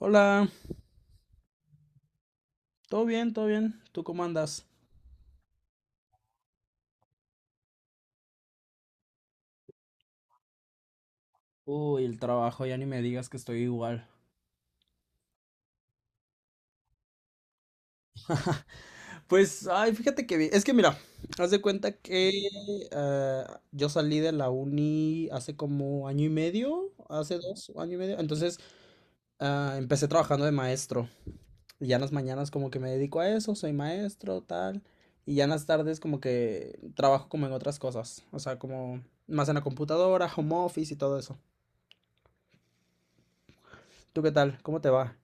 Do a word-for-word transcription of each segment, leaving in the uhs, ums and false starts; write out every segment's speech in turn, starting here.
Hola, todo bien, todo bien. ¿Tú cómo andas? Uy, el trabajo, ya ni me digas que estoy igual. Pues, ay, fíjate que bien. Es que mira, haz de cuenta que eh, yo salí de la uni hace como año y medio, hace dos, año y medio. Entonces, ah, empecé trabajando de maestro. Y ya en las mañanas como que me dedico a eso, soy maestro, tal. Y ya en las tardes como que trabajo como en otras cosas. O sea, como más en la computadora, home office y todo eso. ¿Tú qué tal? ¿Cómo te va?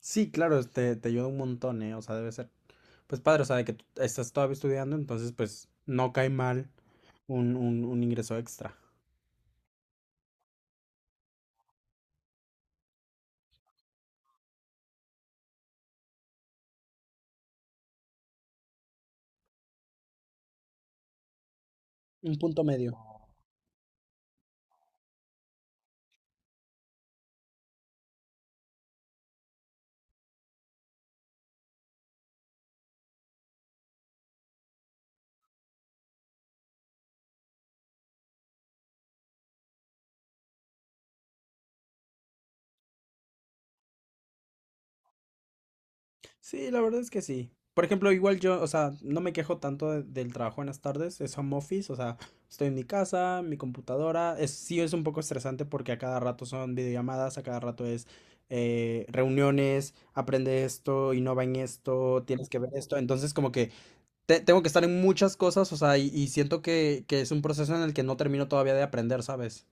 Sí, claro, te, te ayuda un montón, ¿eh? O sea, debe ser, pues padre, o sea, de que tú estás todavía estudiando, entonces pues no cae mal un, un, un ingreso extra. Un punto medio. Sí, la verdad es que sí. Por ejemplo, igual yo, o sea, no me quejo tanto de- del trabajo en las tardes, es home office, o sea, estoy en mi casa, mi computadora, es, sí es un poco estresante porque a cada rato son videollamadas, a cada rato es eh, reuniones, aprende esto, innova en esto, tienes que ver esto, entonces como que te- tengo que estar en muchas cosas, o sea, y, y siento que, que es un proceso en el que no termino todavía de aprender, ¿sabes?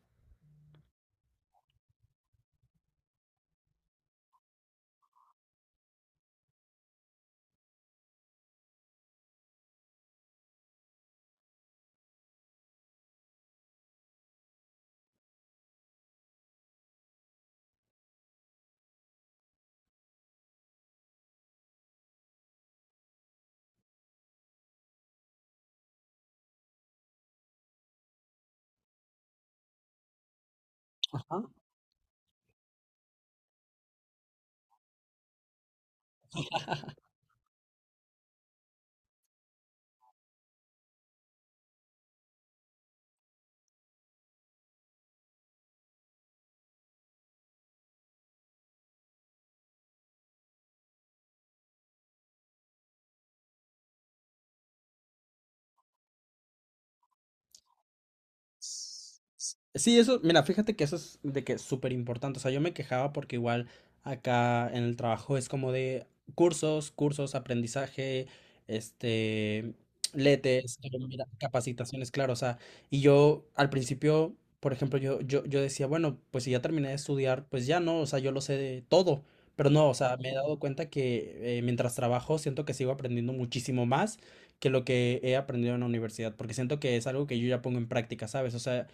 Sí, eso, mira, fíjate que eso es de que es súper importante. O sea, yo me quejaba porque igual acá en el trabajo es como de cursos, cursos, aprendizaje, este, letes, eh, mira, capacitaciones, claro. O sea, y yo al principio, por ejemplo, yo, yo, yo decía, bueno, pues si ya terminé de estudiar, pues ya no, o sea, yo lo sé de todo. Pero no, o sea, me he dado cuenta que eh, mientras trabajo siento que sigo aprendiendo muchísimo más que lo que he aprendido en la universidad, porque siento que es algo que yo ya pongo en práctica, ¿sabes? O sea,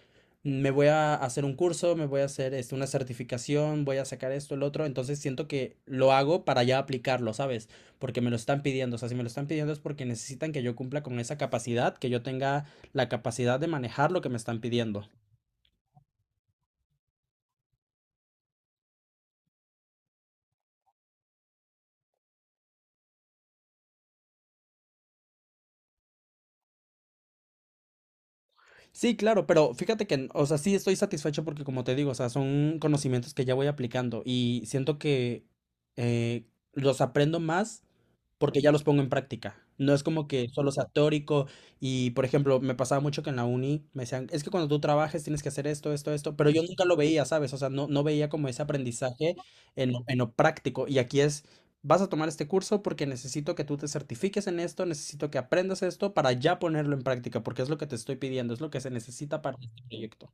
me voy a hacer un curso, me voy a hacer este, una certificación, voy a sacar esto, el otro, entonces siento que lo hago para ya aplicarlo, ¿sabes? Porque me lo están pidiendo, o sea, si me lo están pidiendo es porque necesitan que yo cumpla con esa capacidad, que yo tenga la capacidad de manejar lo que me están pidiendo. Sí, claro, pero fíjate que, o sea, sí estoy satisfecho porque como te digo, o sea, son conocimientos que ya voy aplicando y siento que eh, los aprendo más porque ya los pongo en práctica. No es como que solo sea teórico y, por ejemplo, me pasaba mucho que en la uni me decían, es que cuando tú trabajes tienes que hacer esto, esto, esto, pero yo nunca lo veía, ¿sabes? O sea, no, no veía como ese aprendizaje en, lo- en lo práctico. Y aquí es, vas a tomar este curso porque necesito que tú te certifiques en esto, necesito que aprendas esto para ya ponerlo en práctica, porque es lo que te estoy pidiendo, es lo que se necesita para este proyecto.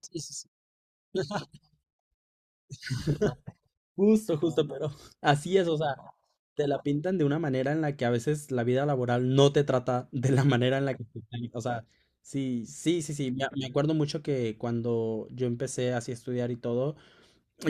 Sí, sí, sí. Justo, justo, pero así es, o sea, te la pintan de una manera en la que a veces la vida laboral no te trata de la manera en la que te están- o sea, sí, sí, sí, sí, me, me acuerdo mucho que cuando yo empecé así a estudiar y todo,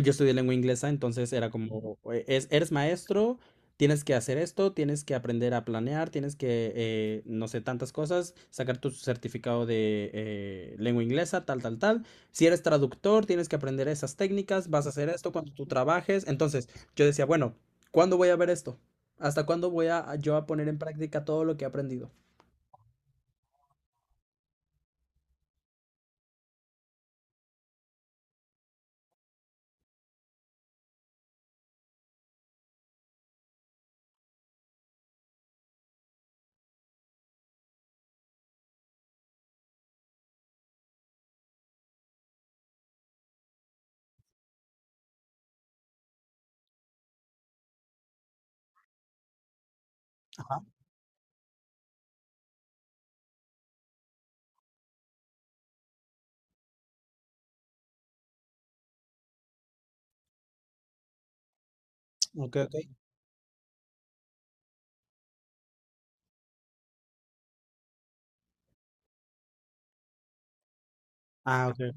yo estudié lengua inglesa, entonces era como, eh, es, eres maestro, tienes que hacer esto, tienes que aprender a planear, tienes que, eh, no sé, tantas cosas, sacar tu certificado de eh, lengua inglesa, tal, tal, tal. Si eres traductor, tienes que aprender esas técnicas, vas a hacer esto cuando tú trabajes. Entonces, yo decía, bueno, ¿cuándo voy a ver esto? ¿Hasta cuándo voy a yo a poner en práctica todo lo que he aprendido? Ajá. Ok, ok. Ah, ok.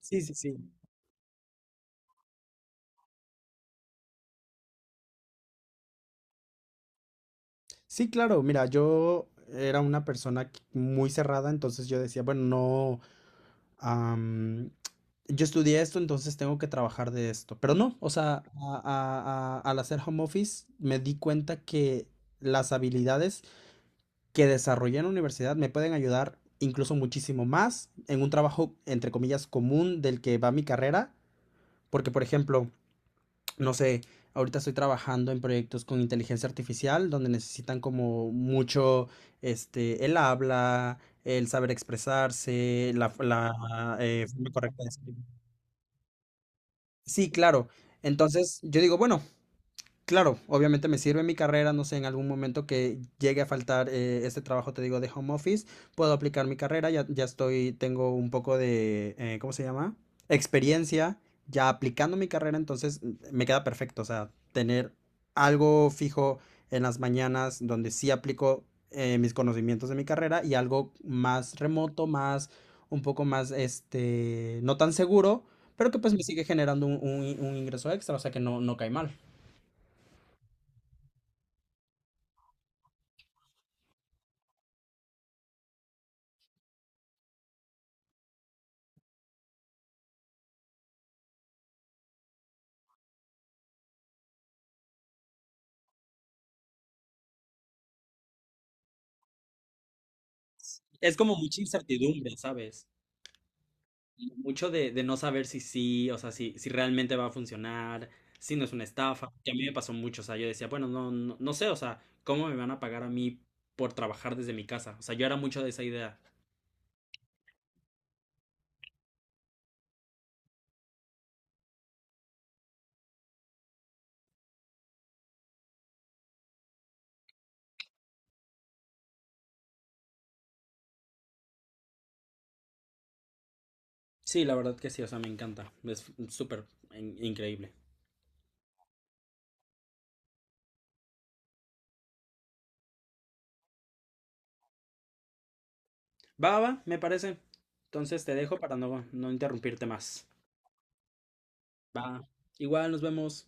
Sí, sí, sí. Sí, claro, mira, yo era una persona que- muy cerrada, entonces yo decía, bueno, no, am, yo estudié esto, entonces tengo que trabajar de esto. Pero no, o sea, a- a- a- al hacer home office me di cuenta que las habilidades que desarrollé en la universidad me pueden ayudar incluso muchísimo más en un trabajo, entre comillas, común del que va mi carrera, porque, por ejemplo, no sé, ahorita estoy trabajando en proyectos con inteligencia artificial donde necesitan como mucho, este, el habla, el saber expresarse, la, la eh, forma correcta de escribir. Sí, claro. Entonces yo digo, bueno, claro, obviamente me sirve mi carrera, no sé, en algún momento que llegue a faltar eh, este trabajo, te digo, de home office, puedo aplicar mi carrera, ya, ya estoy, tengo un poco de, eh, ¿cómo se llama? Experiencia, ya aplicando mi carrera, entonces me queda perfecto, o sea, tener algo fijo en las mañanas donde sí aplico eh, mis conocimientos de mi carrera y algo más remoto, más, un poco más, este, no tan seguro, pero que pues me sigue generando un, un- un ingreso extra, o sea que no, no cae mal. Es como mucha incertidumbre, ¿sabes? Y mucho de, de no saber si sí, o sea, si, si realmente va a funcionar, si no es una estafa. Que a mí me pasó mucho, o sea, yo decía, bueno, no, no, no sé, o sea, ¿cómo me van a pagar a mí por trabajar desde mi casa? O sea, yo era mucho de esa idea. Sí, la verdad que sí, o sea, me encanta. Es súper in- increíble. Va, va, me parece. Entonces te dejo para no, no interrumpirte más. Va. Igual, nos vemos.